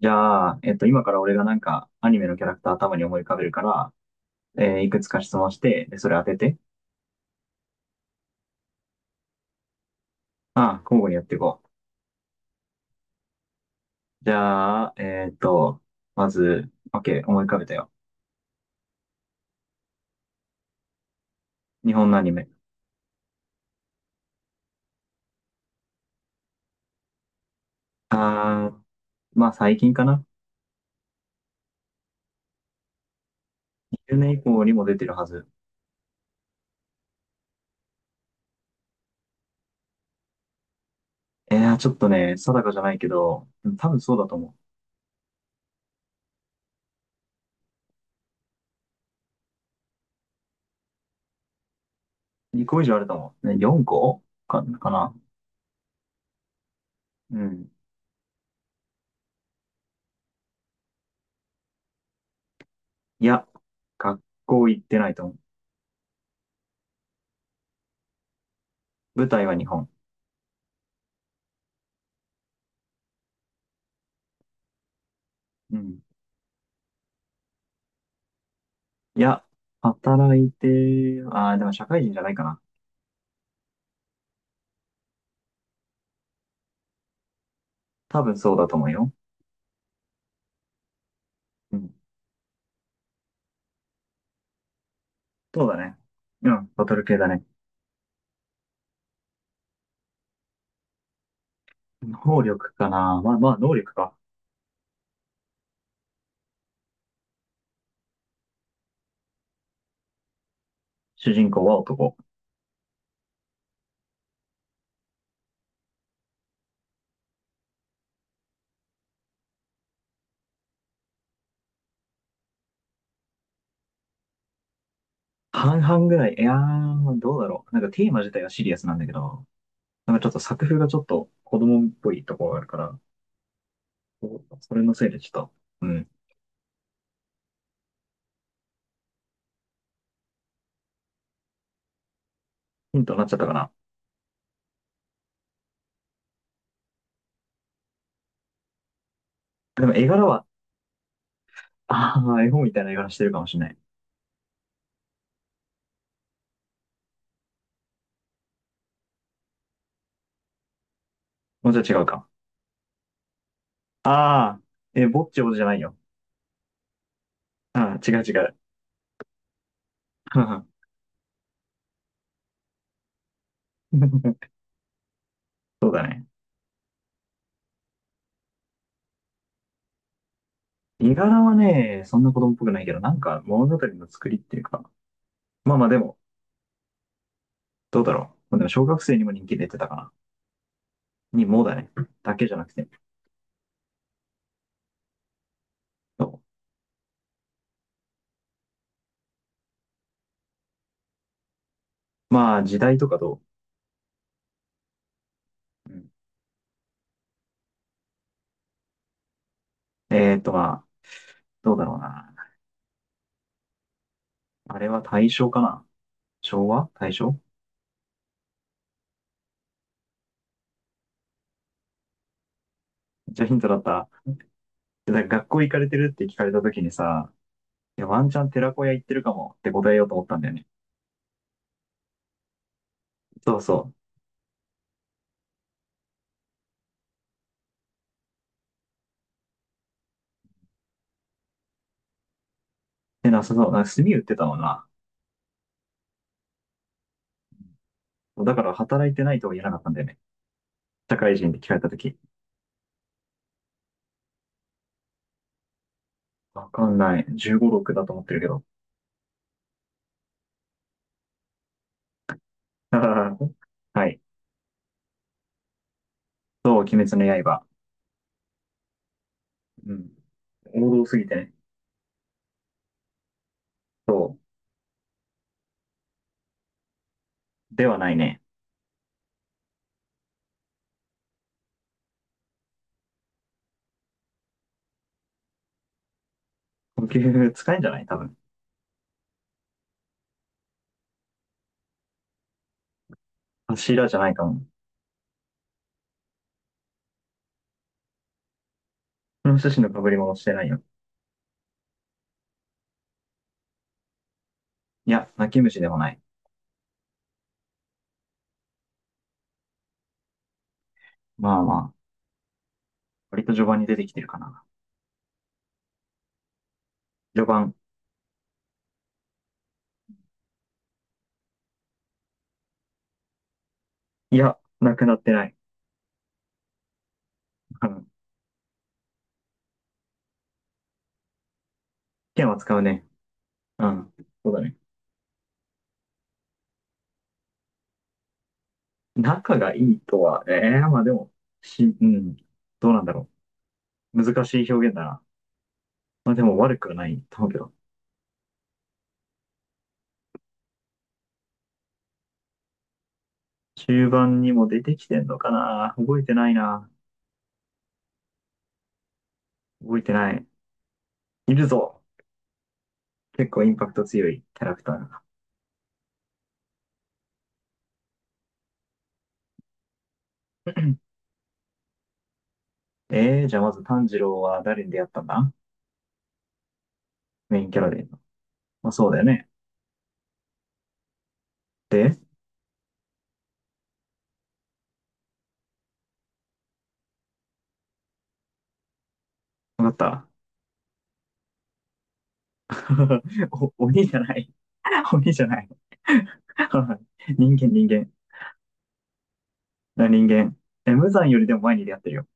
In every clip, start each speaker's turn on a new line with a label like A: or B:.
A: じゃあ、今から俺がなんか、アニメのキャラクター頭に思い浮かべるから、いくつか質問して、で、それ当てて。ああ、交互にやっていこう。じゃあ、まず、OK、思い浮かべたよ。日本のアニメ。ああ、まあ最近かな。20年以降にも出てるはず。ちょっとね、定かじゃないけど、多分そうだと思う。2個以上あると思う。ね、4個かな。うん。いや、学校行ってないと思う。舞台は日本。うん。いや、働いて、ああ、でも社会人じゃないかな。多分そうだと思うよ。うん。そうだね。うん、バトル系だね。能力かな。まあまあ、能力か。主人公は男。半々ぐらい。いやー、どうだろう。なんかテーマ自体はシリアスなんだけど、なんかちょっと作風がちょっと子供っぽいところがあるから、そうそれのせいでちょっと、うん、ヒントになっちゃったかな。でも絵柄は、ああ、絵本みたいな絵柄してるかもしれない。もうちょっと違うか。ああ、ぼっちほどじゃないよ。ああ、違う違う。そうだね。絵柄はね、そんな子供っぽくないけど、なんか物語の作りっていうか、まあまあでも、どうだろう。まあ、でも小学生にも人気出てたかな。にもだね。だけじゃなくて。そうまあ時代とかどう？うん。まあ、どうだろうな。あれは大正かな。昭和大正。じゃあヒントだった。でだから学校行かれてるって聞かれた時にさ、いやワンチャン寺子屋行ってるかもって答えようと思ったんだよね。そうそう。で、なさそう。なんか炭売ってたもんな。だから働いてないとは言えなかったんだよね。社会人って聞かれた時。わかんない。15、6だと思ってるけど。はい。そう、鬼滅の刃。うん。王道すぎてね。そう。ではないね。呼吸使えんじゃない多分。柱じゃないかも。この趣旨の被り物してないよ。いや、泣き虫でもない。まあまあ、割と序盤に出てきてるかな。序盤。いや、なくなってない。うん。剣は使うね。うん。そうだね。仲がいいとはね、ええまあでも、うん。どうなんだろう。難しい表現だな。まあでも悪くはないと思うけど。中盤にも出てきてんのかな。覚えてないな。覚えてない。いるぞ。結構インパクト強いキャラクターが。じゃあまず炭治郎は誰に出会ったんだ？メインキャラで。まあそうだよね。で、わかった。お、鬼じゃない。鬼じゃない。人間、人間。あ人間。無惨よりでも前に出会ってるよ。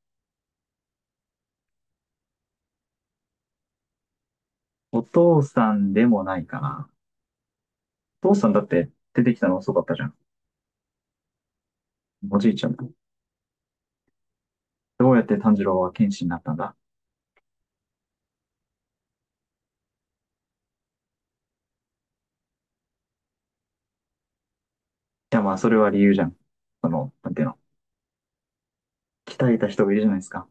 A: お父さんでもないかな。お父さんだって出てきたの遅かったじゃん。おじいちゃん。どうやって炭治郎は剣士になったんだ？や、まあ、それは理由じゃん。その、なんていうの。鍛えた人がいるじゃないですか。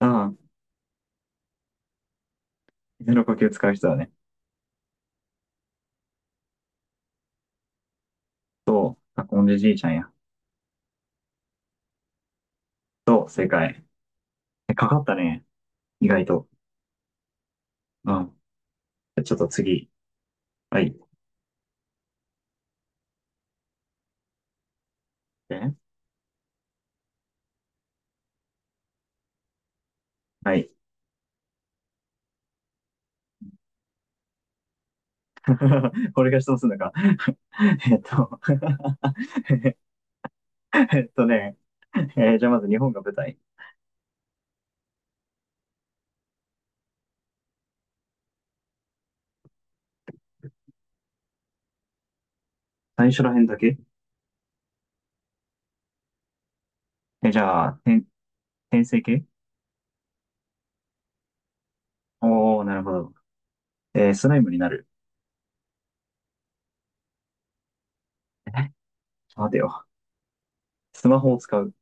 A: ああ、手の呼吸使う人はね。と、コンジじいちゃんや。と、正解。かかったね。意外と。うん。じゃちょっと次。はい。えはい。これが質問するのか。えっと えっとね。じゃあまず日本が舞台。最初ら辺だけじゃあ、転生系。おー、なるほど。スライムになる。ちょっと待てよ。スマホを使う。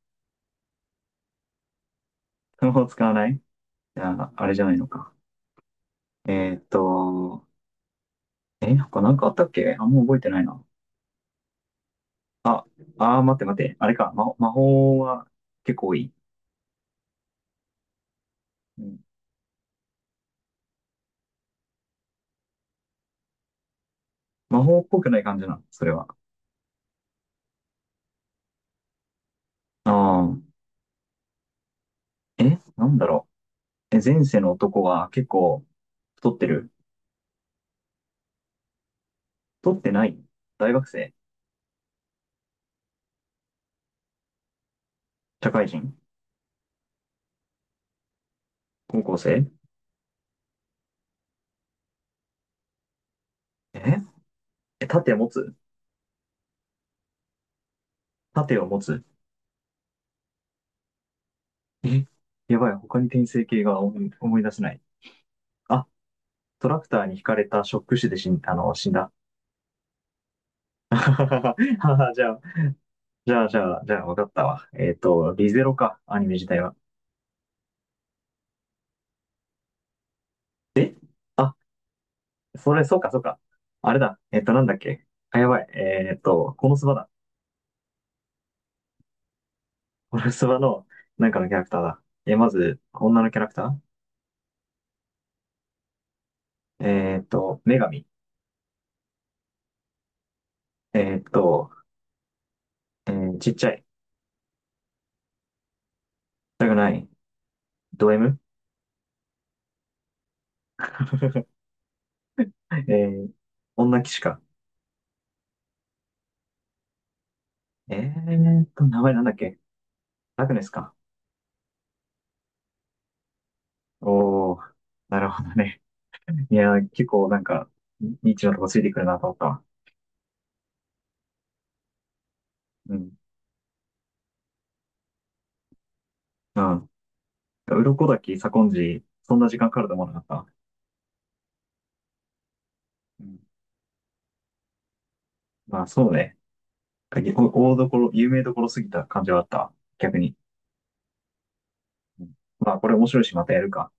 A: スマホを使わない。じゃあ、あれじゃないのか。えーっと、他なんかあったっけ。あんま覚えてないな。あ、待って待って。あれか。魔法は結構多い。うん、魔法っぽくない感じなの、それは。ああ、なんだろう。前世の男は結構太ってる。太ってない。大学生。社会人。高校生。ええ、盾持つ。盾を持つ。え、やばい。他に転生系が思い出せない。あ、トラクターに引かれたショック死で死んだ。はははは。じゃあ、わかったわ。リゼロか、アニメ自体は。あ、それ、そうか、そうか。あれだ。なんだっけ。あ、やばい。このスバだ。このスバの、なんかのキャラクターだ。まず、女のキャラクター。女神。えっと、ちっちゃい。だがない。ド M？ えー、女騎士か。え名前なんだっけ。ラグネスか。おー、なるほどね。いやー、結構、なんか、ニッチなとこついてくるなと思ったわ。うん。うん。鱗滝、左近寺、そんな時間かかると思わなかった。うん。まあそうね。大どころ、有名どころすぎた感じはあった。逆に。うん。まあこれ面白いしまたやるか。